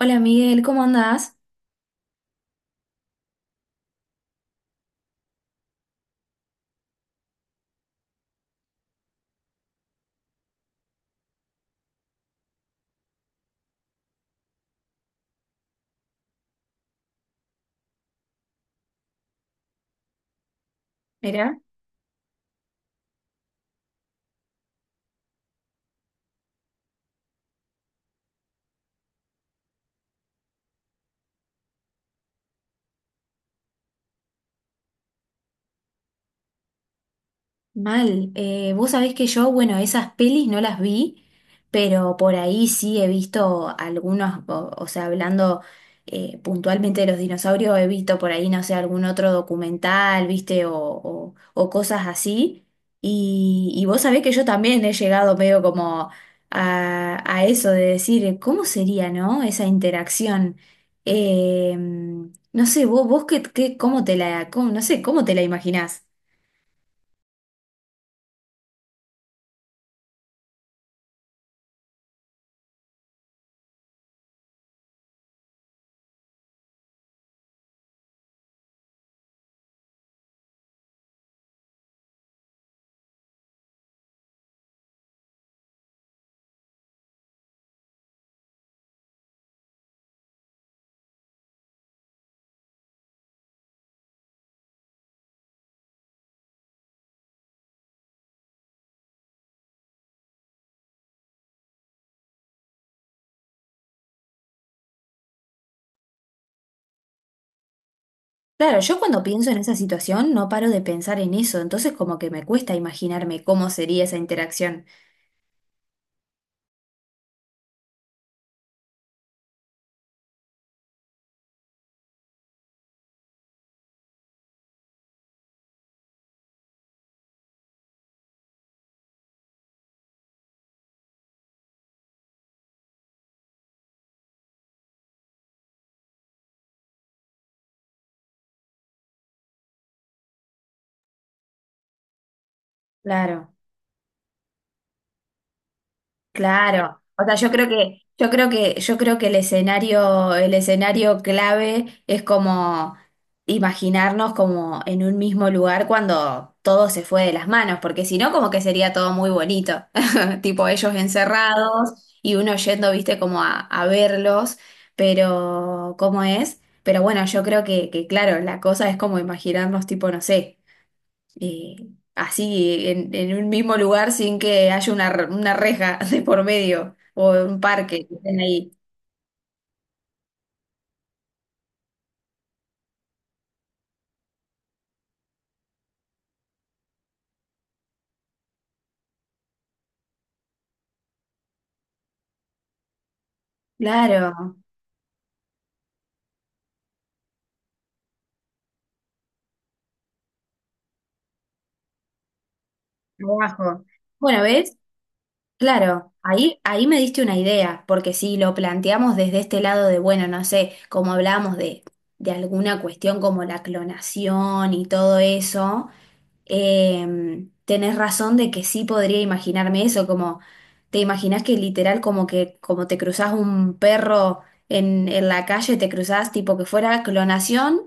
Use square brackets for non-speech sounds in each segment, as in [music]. Hola Miguel, ¿cómo andás? Mira. Mal. Vos sabés que yo, bueno, esas pelis no las vi, pero por ahí sí he visto algunos, o sea, hablando puntualmente de los dinosaurios, he visto por ahí, no sé, algún otro documental, viste, o cosas así. Y vos sabés que yo también he llegado medio como a eso de decir, ¿cómo sería, no? Esa interacción. Eh, no sé, vos qué, cómo te la, no sé, cómo te la imaginás. Claro, yo cuando pienso en esa situación no paro de pensar en eso, entonces como que me cuesta imaginarme cómo sería esa interacción. Claro, claro. O sea, yo creo que, yo creo que, yo creo que el escenario clave es como imaginarnos como en un mismo lugar cuando todo se fue de las manos, porque si no, como que sería todo muy bonito. Tipo ellos encerrados y uno yendo, viste, como a verlos, pero ¿cómo es? Pero bueno, yo creo que, claro, la cosa es como imaginarnos, tipo, no sé, eh, así en un mismo lugar sin que haya una, una reja [laughs] de por medio o un parque que estén ahí. Claro, abajo. Bueno, ¿ves? Claro, ahí, ahí me diste una idea, porque si lo planteamos desde este lado de, bueno, no sé, como hablábamos de alguna cuestión como la clonación y todo eso, tenés razón de que sí podría imaginarme eso, como te imaginás que literal como que como te cruzás un perro en la calle, te cruzás tipo que fuera clonación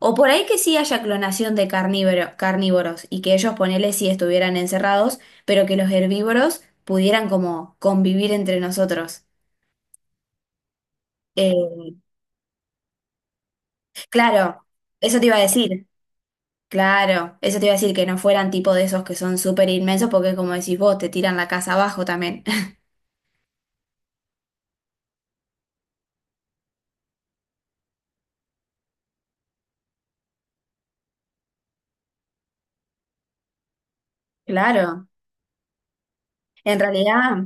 o por ahí que sí haya clonación de carnívoros y que ellos ponele si estuvieran encerrados, pero que los herbívoros pudieran como convivir entre nosotros. Eh, claro, eso te iba a decir, claro, eso te iba a decir que no fueran tipo de esos que son súper inmensos porque como decís vos, te tiran la casa abajo también. [laughs] Claro, en realidad...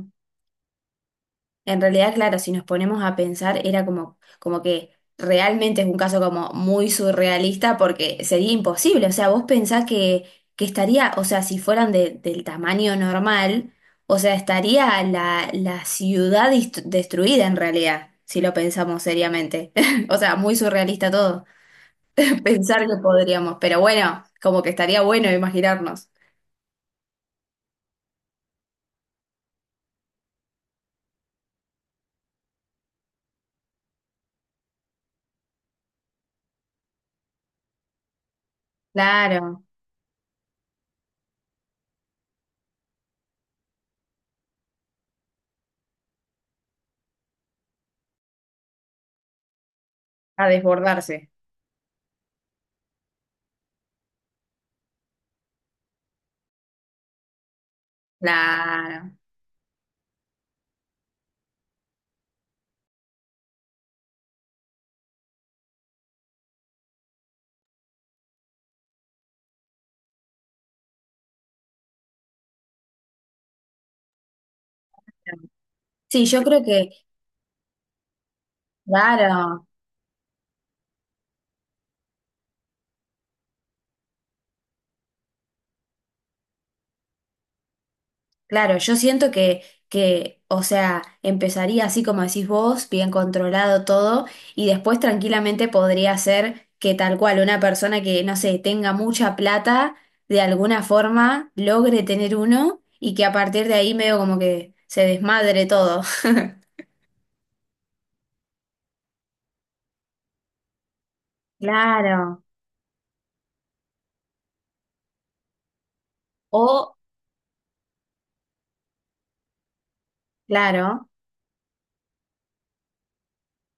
En realidad, claro, si nos ponemos a pensar, era como, como que realmente es un caso como muy surrealista porque sería imposible. O sea, vos pensás que estaría, o sea, si fueran del tamaño normal, o sea, estaría la, la ciudad destruida en realidad, si lo pensamos seriamente. [laughs] O sea, muy surrealista todo. [laughs] Pensar que podríamos, pero bueno, como que estaría bueno imaginarnos. Claro, a desbordarse. Claro. Claro. Sí, yo creo que, claro. Claro, yo siento que, o sea, empezaría así como decís vos, bien controlado todo, y después tranquilamente podría ser que tal cual una persona que, no sé, tenga mucha plata, de alguna forma logre tener uno y que a partir de ahí medio como que se desmadre todo. [laughs] Claro. O, claro.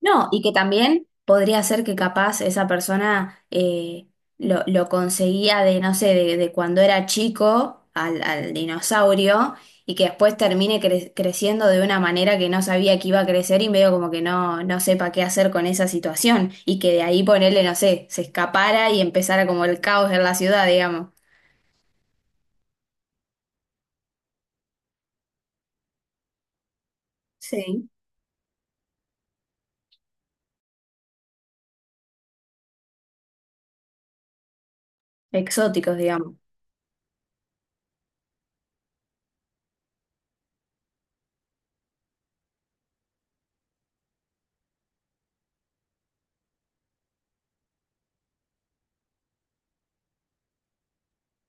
No, y que también podría ser que capaz esa persona lo conseguía de, no sé, de cuando era chico al, al dinosaurio y que después termine creciendo de una manera que no sabía que iba a crecer y medio como que no, no sepa qué hacer con esa situación y que de ahí ponerle, no sé, se escapara y empezara como el caos en la ciudad, digamos. Sí. Exóticos, digamos.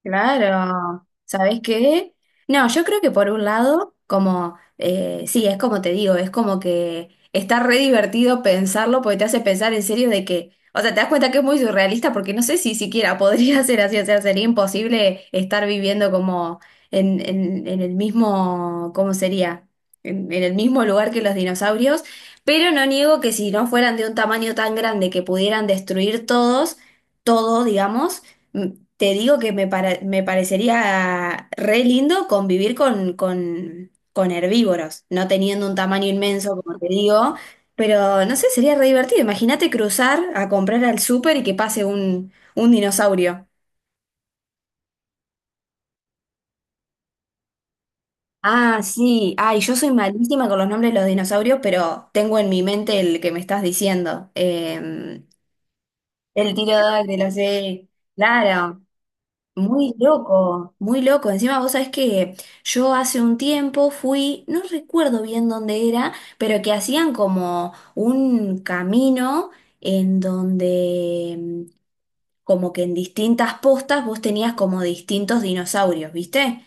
Claro, ¿sabes qué? No, yo creo que por un lado, como, sí, es como te digo, es como que está re divertido pensarlo porque te hace pensar en serio de que, o sea, te das cuenta que es muy surrealista porque no sé si siquiera podría [laughs] ser así, o sea, sería imposible estar viviendo como en el mismo, ¿cómo sería? En el mismo lugar que los dinosaurios, pero no niego que si no fueran de un tamaño tan grande que pudieran destruir todos, todo, digamos. Mm, te digo que me, me parecería re lindo convivir con herbívoros, no teniendo un tamaño inmenso, como te digo, pero no sé, sería re divertido. Imagínate cruzar a comprar al súper y que pase un dinosaurio. Ah, sí, ay, yo soy malísima con los nombres de los dinosaurios, pero tengo en mi mente el que me estás diciendo. El tiro de los... Claro. Muy loco, muy loco. Encima vos sabés que yo hace un tiempo fui, no recuerdo bien dónde era, pero que hacían como un camino en donde como que en distintas postas vos tenías como distintos dinosaurios, ¿viste?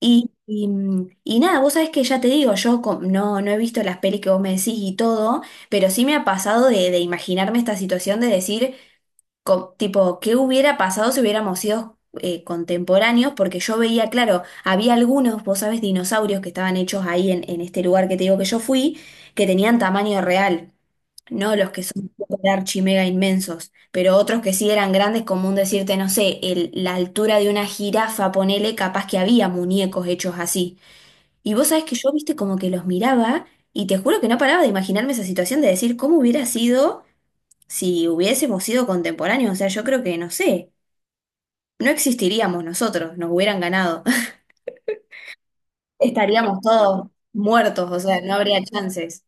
Y nada, vos sabés que ya te digo, no, no he visto las pelis que vos me decís y todo, pero sí me ha pasado de imaginarme esta situación de decir tipo, ¿qué hubiera pasado si hubiéramos sido contemporáneos? Porque yo veía, claro, había algunos, vos sabés, dinosaurios que estaban hechos ahí en este lugar que te digo que yo fui, que tenían tamaño real, no los que son super archi mega inmensos, pero otros que sí eran grandes, como un decirte, no sé, la altura de una jirafa, ponele, capaz que había muñecos hechos así. Y vos sabés que yo, viste, como que los miraba. Y te juro que no paraba de imaginarme esa situación de decir cómo hubiera sido si hubiésemos sido contemporáneos, o sea, yo creo que, no sé, no existiríamos nosotros, nos hubieran ganado. [laughs] Estaríamos todos muertos, o sea, no habría chances.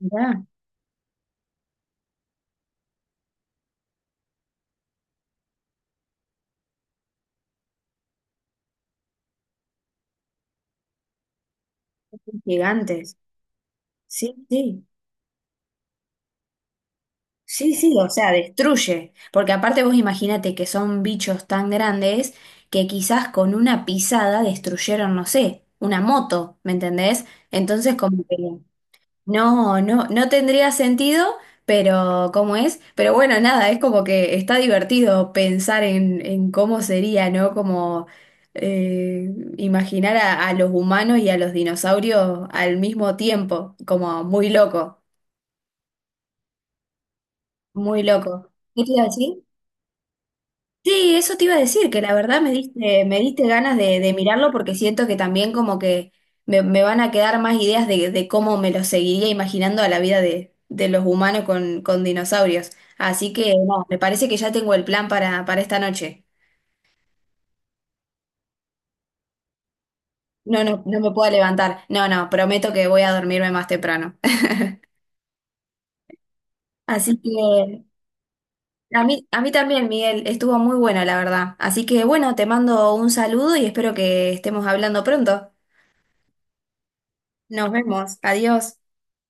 Mirá, gigantes. Sí, sí. Sí, sí, o sea, destruye. Porque aparte vos imaginate que son bichos tan grandes que quizás con una pisada destruyeron, no sé, una moto, ¿me entendés? Entonces como que no, no, no tendría sentido, pero ¿cómo es? Pero bueno, nada, es como que está divertido pensar en cómo sería, ¿no? Como imaginar a los humanos y a los dinosaurios al mismo tiempo, como muy loco, muy loco. ¿Qué te iba a decir? Sí, eso te iba a decir, que la verdad me diste ganas de mirarlo porque siento que también como que me van a quedar más ideas de cómo me lo seguiría imaginando a la vida de los humanos con dinosaurios. Así que no, me parece que ya tengo el plan para esta noche. No, no, no me puedo levantar. No, no, prometo que voy a dormirme más temprano. [laughs] Así que a mí también, Miguel, estuvo muy bueno, la verdad. Así que bueno, te mando un saludo y espero que estemos hablando pronto. Nos vemos. Adiós.